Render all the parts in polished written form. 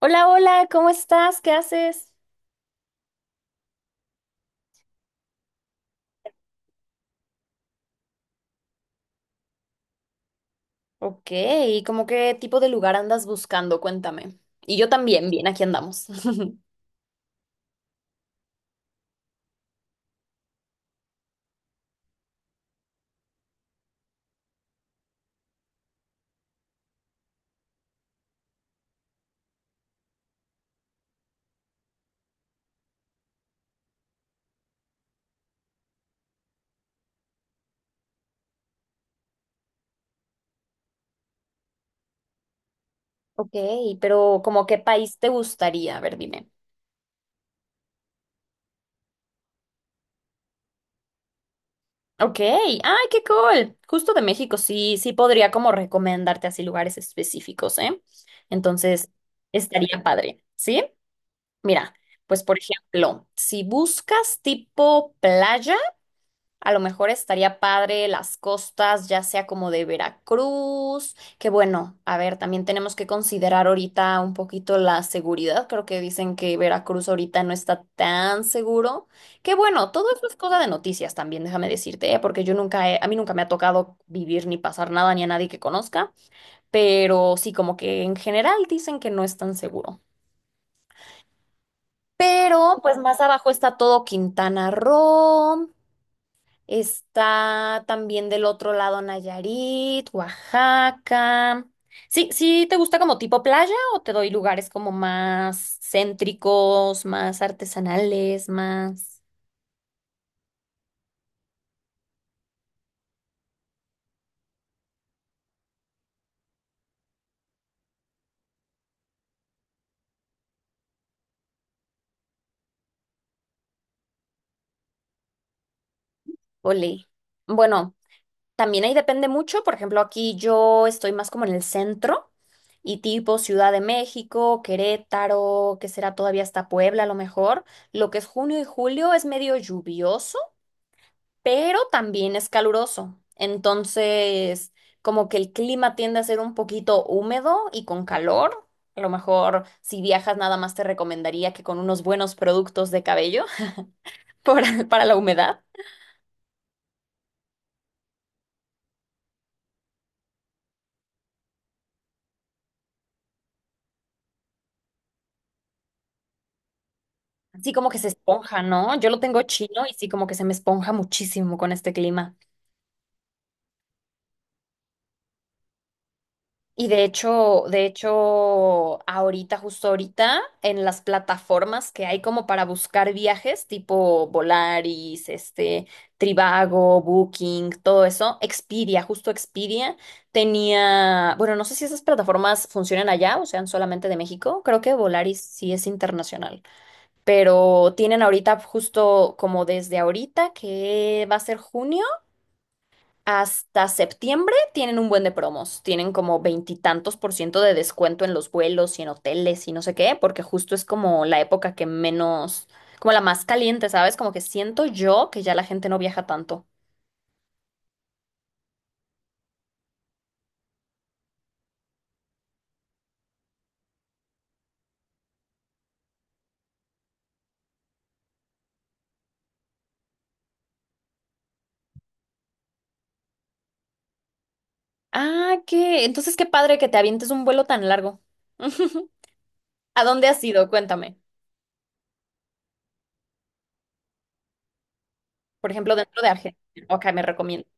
Hola, hola, ¿cómo estás? ¿Qué haces? Ok, ¿Cómo qué tipo de lugar andas buscando? Cuéntame. Y yo también, bien, aquí andamos. Ok, pero ¿como qué país te gustaría? A ver, dime. Ok, ay, qué cool. Justo de México, sí, sí podría como recomendarte así lugares específicos, ¿eh? Entonces, estaría padre, ¿sí? Mira, pues por ejemplo, si buscas tipo playa, a lo mejor estaría padre las costas, ya sea como de Veracruz, que bueno, a ver, también tenemos que considerar ahorita un poquito la seguridad. Creo que dicen que Veracruz ahorita no está tan seguro. Que bueno, todo eso es cosa de noticias también, déjame decirte, ¿eh? Porque yo nunca he- a mí nunca me ha tocado vivir ni pasar nada ni a nadie que conozca, pero sí, como que en general dicen que no es tan seguro. Pero pues más abajo está todo Quintana Roo. Está también del otro lado Nayarit, Oaxaca. Sí, sí, ¿te gusta como tipo playa o te doy lugares como más céntricos, más artesanales, más olé? Bueno, también ahí depende mucho. Por ejemplo, aquí yo estoy más como en el centro y tipo Ciudad de México, Querétaro, que será todavía hasta Puebla a lo mejor. Lo que es junio y julio es medio lluvioso, pero también es caluroso. Entonces, como que el clima tiende a ser un poquito húmedo y con calor. A lo mejor si viajas nada más te recomendaría que con unos buenos productos de cabello para la humedad. Así como que se esponja, ¿no? Yo lo tengo chino y sí como que se me esponja muchísimo con este clima. Y de hecho, ahorita, justo ahorita, en las plataformas que hay como para buscar viajes, tipo Volaris, este, Trivago, Booking, todo eso, Expedia, justo Expedia tenía, bueno, no sé si esas plataformas funcionan allá o sean solamente de México, creo que Volaris sí es internacional, pero tienen ahorita justo como desde ahorita, que va a ser junio. Hasta septiembre tienen un buen de promos, tienen como veintitantos por ciento de descuento en los vuelos y en hoteles y no sé qué, porque justo es como la época que menos, como la más caliente, ¿sabes? Como que siento yo que ya la gente no viaja tanto. Ah, qué, entonces qué padre que te avientes un vuelo tan largo. ¿A dónde has ido? Cuéntame. Por ejemplo, dentro de Argentina. Ok, me recomiendas.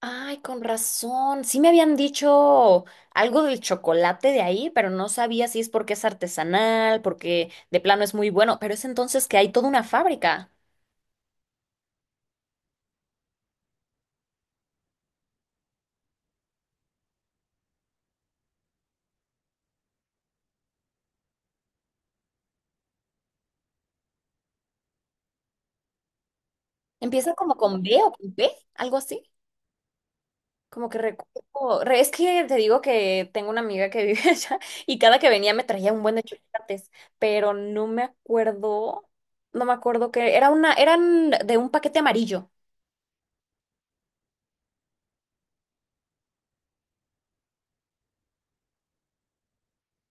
Ay, con razón. Sí me habían dicho algo del chocolate de ahí, pero no sabía si es porque es artesanal, porque de plano es muy bueno, pero es entonces que hay toda una fábrica. Empieza como con B o con P, algo así. Como que recuerdo. Es que te digo que tengo una amiga que vive allá y cada que venía me traía un buen de chocolates, pero no me acuerdo, no me acuerdo que era una, eran de un paquete amarillo.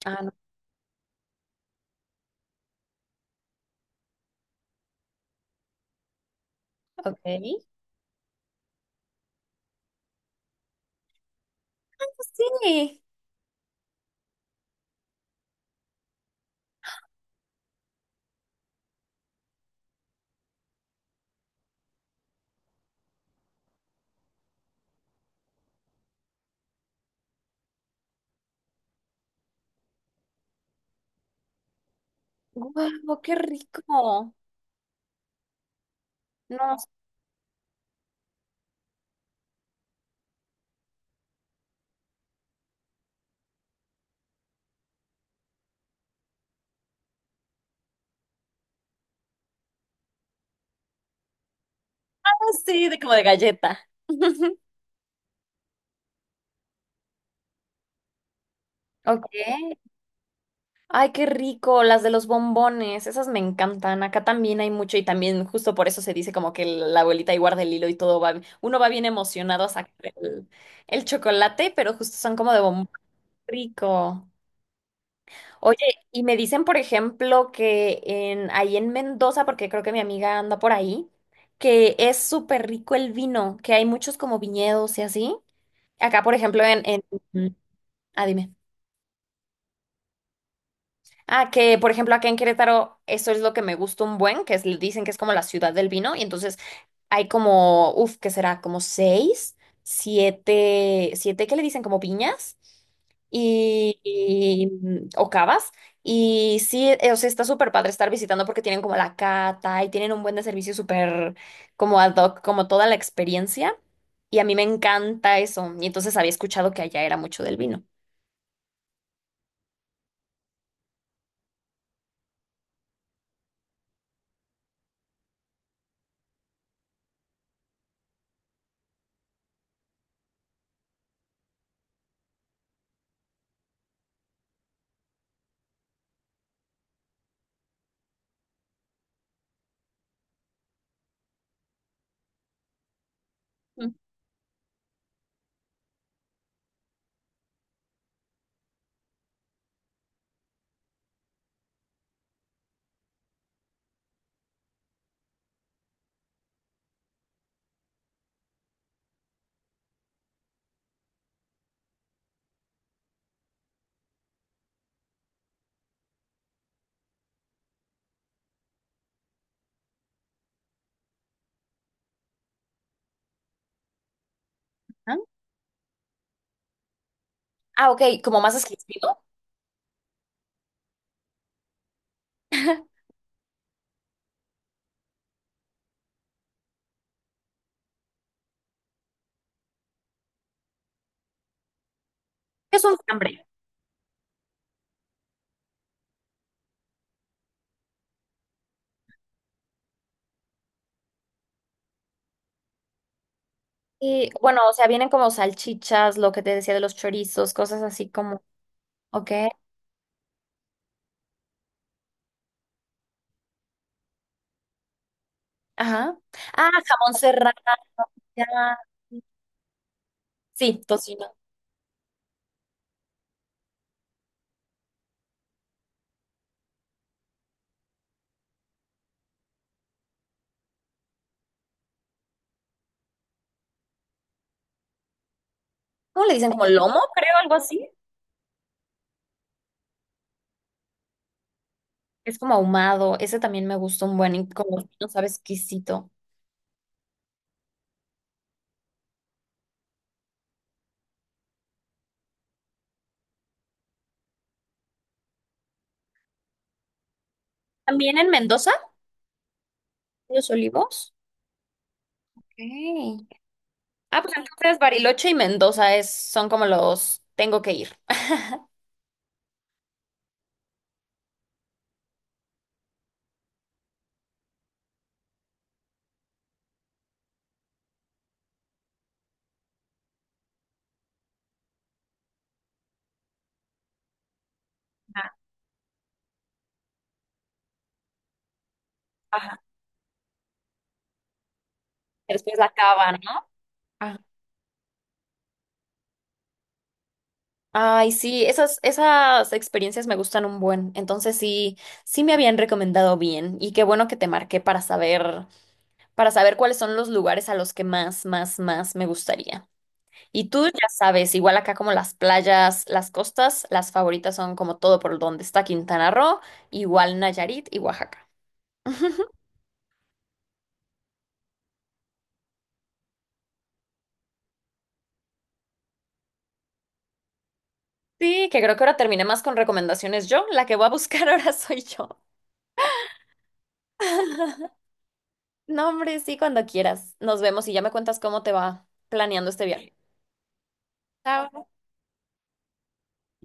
Ah, no. Ok. Sí. Guau, qué rico. No, sí, de como de galleta. Ok. Ay, qué rico, las de los bombones, esas me encantan. Acá también hay mucho y también justo por eso se dice como que la abuelita ahí guarda el hilo y todo va, uno va bien emocionado a sacar el, el chocolate, pero justo son como de bombón. Rico. Oye, y me dicen, por ejemplo, que en, ahí en Mendoza, porque creo que mi amiga anda por ahí, que es súper rico el vino, que hay muchos como viñedos y así. Acá, por ejemplo, en. Ah, dime. Ah, que por ejemplo acá en Querétaro, eso es lo que me gusta un buen, que es, dicen que es como la ciudad del vino, y entonces hay como, uff, ¿qué será? Como seis, siete, siete que le dicen como viñas y o cavas. Y sí, o sea, está súper padre estar visitando porque tienen como la cata y tienen un buen de servicio súper como ad hoc, como toda la experiencia. Y a mí me encanta eso. Y entonces había escuchado que allá era mucho del vino. Ujú. Ah, ok, como más exquisito. ¿Qué es un fiambre? Y bueno, o sea, vienen como salchichas, lo que te decía de los chorizos, cosas así como, ok, ajá. Ah, jamón serrano, ya. Sí, tocino. ¿Cómo le dicen? Como lomo, creo, algo así. Es como ahumado, ese también me gusta un buen y con los pinos sabe exquisito. ¿También en Mendoza? ¿Los olivos? Ok. Ah, pues entonces Bariloche y Mendoza es, son como los tengo que ir. Ajá. Ajá. Después la cava, ¿no? Ajá. Ay, sí, esas, esas experiencias me gustan un buen. Entonces sí, sí me habían recomendado bien. Y qué bueno que te marqué para saber cuáles son los lugares a los que más, más, más me gustaría. Y tú ya sabes, igual acá como las playas, las costas, las favoritas son como todo por donde está Quintana Roo, igual Nayarit y Oaxaca. Sí, que creo que ahora terminé más con recomendaciones yo, la que voy a buscar ahora soy yo. No, hombre, sí, cuando quieras. Nos vemos y ya me cuentas cómo te va planeando este viaje. Chao.